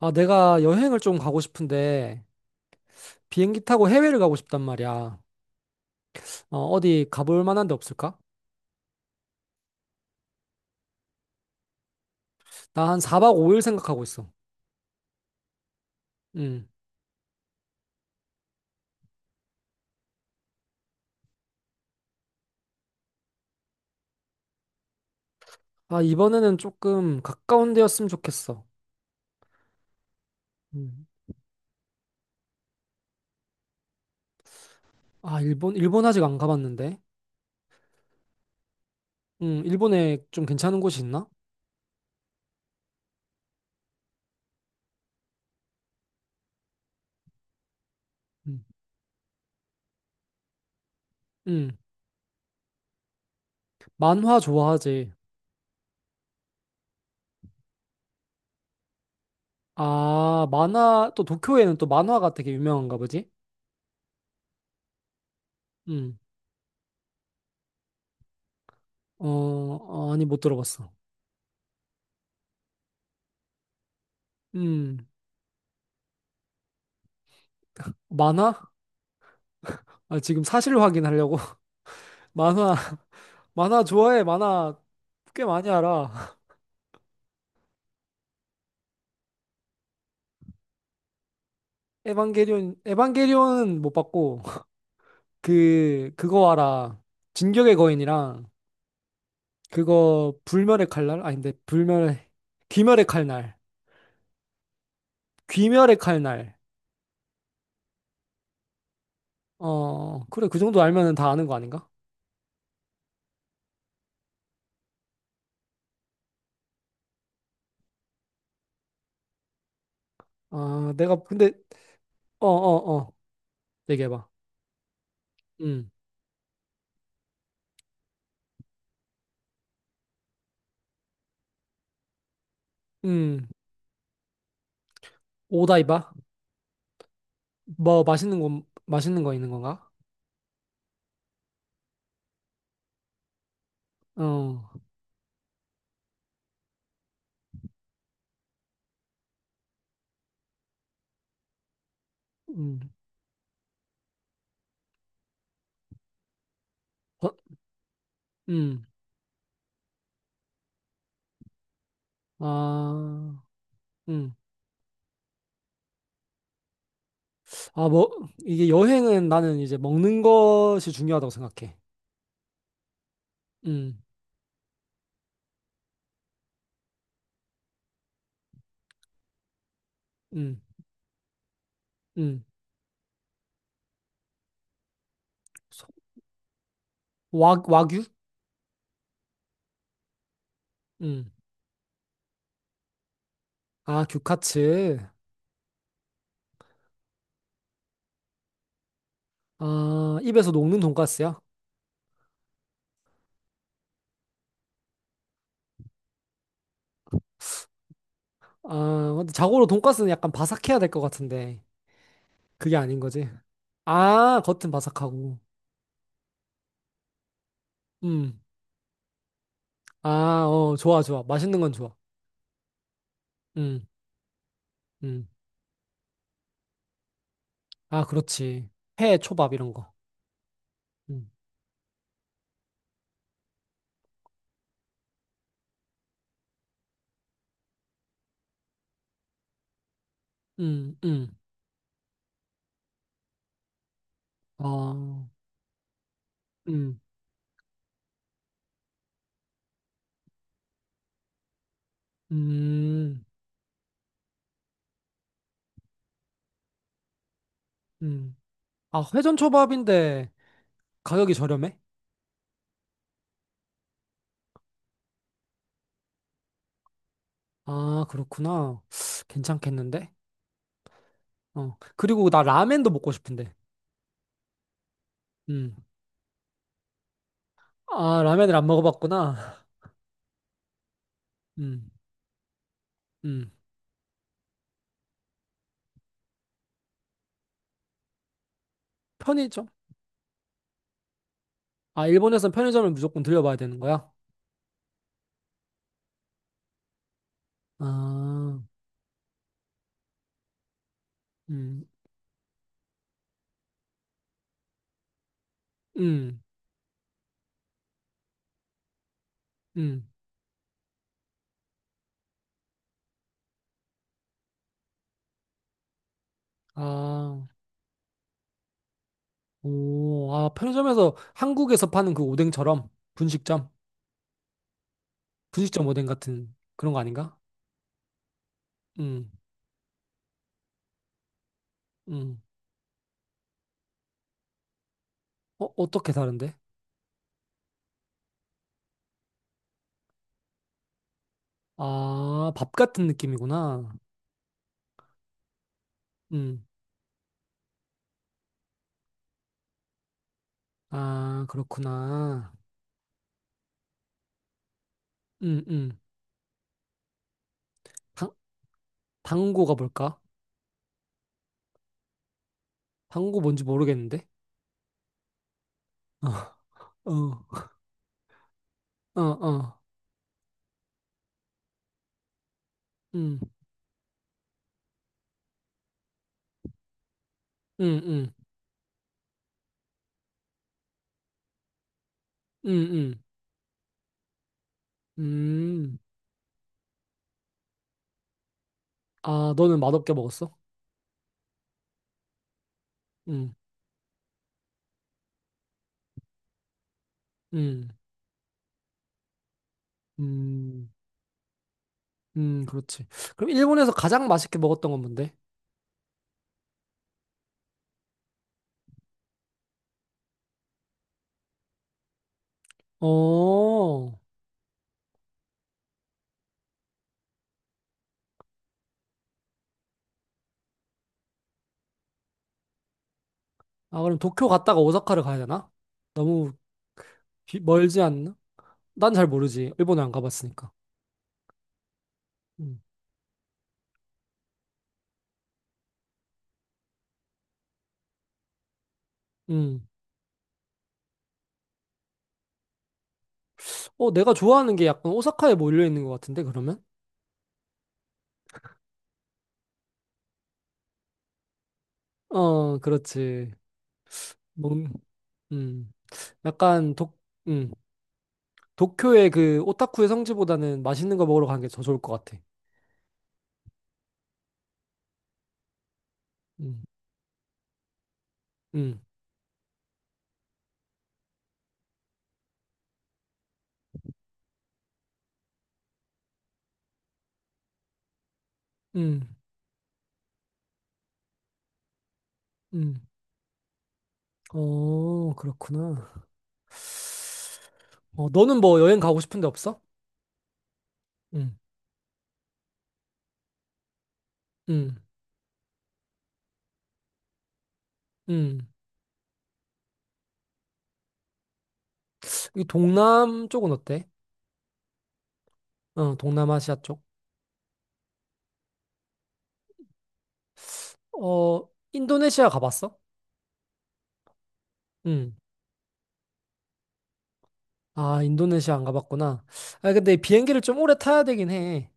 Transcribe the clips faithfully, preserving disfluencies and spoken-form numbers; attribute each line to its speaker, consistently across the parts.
Speaker 1: 아, 내가 여행을 좀 가고 싶은데 비행기 타고 해외를 가고 싶단 말이야. 어, 어디 가볼 만한 데 없을까? 나 한 사 박 오 일 생각하고 있어. 음. 아, 이번에는 조금 가까운 데였으면 좋겠어. 음. 아, 일본, 일본 아직 안 가봤는데. 음, 일본에 좀 괜찮은 곳이 있나? 음. 음. 만화 좋아하지. 아, 만화, 또 도쿄에는 또 만화가 되게 유명한가 보지? 음. 어, 어, 아니, 못 들어봤어. 음. 만화? 아, 지금 사실 확인하려고. 만화. 만화 좋아해, 만화 꽤 많이 알아. 에반게리온, 에반게리온은 못 봤고, 그, 그거 알아. 진격의 거인이랑, 그거, 불멸의 칼날? 아닌데, 불멸의, 귀멸의 칼날. 귀멸의 칼날. 어, 그래, 그 정도 알면은 다 아는 거 아닌가? 아, 내가, 근데, 어, 어, 어. 얘기해봐. 음, 음. 오다이바? 뭐, 맛있는 거, 맛있는 거 있는 건가? 어, 음, 어, 음. 아, 음. 아, 뭐, 이게 여행은 나는 이제 먹는 것이 중요하다고 생각해. 음, 음, 음. 소- 와, 와규? 음. 아, 규카츠. 아, 입에서 녹는 돈가스야? 아, 근데 자고로 돈가스는 약간 바삭해야 될 것 같은데. 그게 아닌 거지. 아, 겉은 바삭하고. 음. 아, 어, 좋아, 좋아. 맛있는 건 좋아. 음, 음. 아, 그렇지. 회, 초밥 이런 거. 음, 음, 음. 어, 음, 음, 음. 아, 회전 초밥인데 가격이 저렴해? 아, 그렇구나. 괜찮겠는데? 어. 그리고 나 라멘도 먹고 싶은데. 음. 아, 라멘을 안 먹어봤구나. 음. 음. 편의점? 아, 일본에선 편의점을 무조건 들려봐야 되는 거야? 아, 음. 음. 음. 아, 오. 아, 편의점에서 한국에서 파는 그 오뎅처럼 분식점? 분식점 오뎅 같은 그런 거 아닌가? 음. 음. 어, 어떻게 다른데? 아, 밥 같은 느낌이구나. 음. 아, 그렇구나. 음, 음. 당, 당고가 뭘까? 당고 뭔지 모르겠는데. 어, 어, 어, 어. 음, 음, 음, 음, 음. 음. 아, 너는 맛없게 먹었어? 음, 음, 음, 음, 그렇지. 그럼 일본에서 가장 맛있게 먹었던 건 뭔데? 어, 아, 그럼 도쿄 갔다가 오사카를 가야 되나? 너무 비- 멀지 않나? 난 잘 모르지. 일본에 안 가봤으니까. 음, 음. 어, 내가 좋아하는 게 약간 오사카에 몰려 있는 것 같은데, 그러면? 어, 그렇지. 뭔, 음, 약간 독, 음, 도쿄의 그 오타쿠의 성지보다는 맛있는 거 먹으러 가는 게 더 좋을 것 같아. 음, 음, 음, 음. 어, 그렇구나. 어, 너는 뭐 여행 가고 싶은 데 없어? 음, 음, 음. 이 동남 쪽은 어때? 어, 동남아시아 쪽. 어, 인도네시아 가봤어? 음. 아, 인도네시아 안 가봤구나. 아, 근데 비행기를 좀 오래 타야 되긴 해.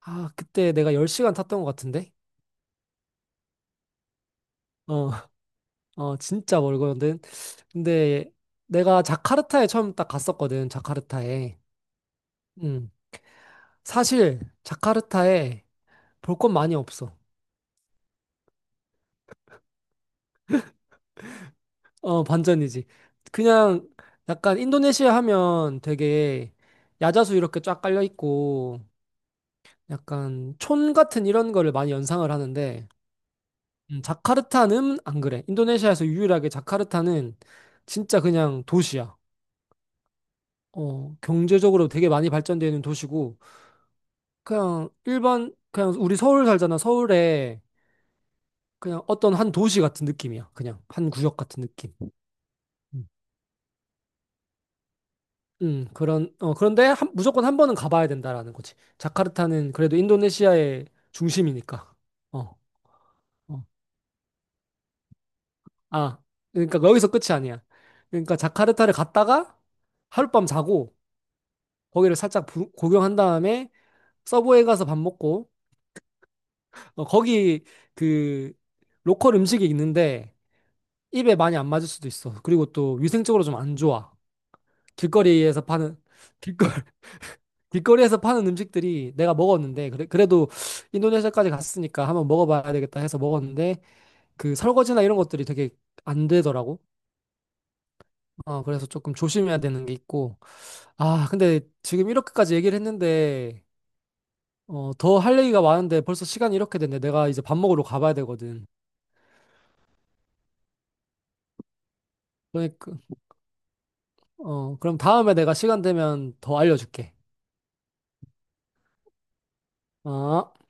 Speaker 1: 아, 그때 내가 열 시간 탔던 것 같은데? 어, 어, 진짜 멀거든. 근데 내가 자카르타에 처음 딱 갔었거든, 자카르타에. 음. 사실, 자카르타에 볼 건 많이 없어. 어, 반전이지. 그냥 약간 인도네시아 하면 되게 야자수 이렇게 쫙 깔려 있고, 약간 촌 같은 이런 거를 많이 연상을 하는데, 음, 자카르타는 안 그래. 인도네시아에서 유일하게 자카르타는 진짜 그냥 도시야. 어, 경제적으로 되게 많이 발전되어 있는 도시고, 그냥 일반, 그냥 우리 서울 살잖아. 서울에 그냥 어떤 한 도시 같은 느낌이야. 그냥 한 구역 같은 느낌. 음, 음, 그런, 어, 그런데 한- 무조건 한 번은 가봐야 된다라는 거지. 자카르타는 그래도 인도네시아의 중심이니까. 어, 어. 아, 그러니까 여기서 끝이 아니야. 그러니까 자카르타를 갔다가 하룻밤 자고, 거기를 살짝 부- 구경한 다음에 서부에 가서 밥 먹고, 어, 거기 그 로컬 음식이 있는데 입에 많이 안 맞을 수도 있어. 그리고 또 위생적으로 좀 안 좋아. 길거리에서 파는 길거 길거리에서 파는 음식들이 내가 먹었는데 그래, 그래도 인도네시아까지 갔으니까 한번 먹어봐야 되겠다 해서 먹었는데 그 설거지나 이런 것들이 되게 안 되더라고. 어, 그래서 조금 조심해야 되는 게 있고. 아, 근데 지금 이렇게까지 얘기를 했는데 어, 더 할 얘기가 많은데 벌써 시간이 이렇게 됐네. 내가 이제 밥 먹으러 가봐야 되거든. 그러니까 어, 그럼 다음에 내가 시간 되면 더 알려줄게. 어?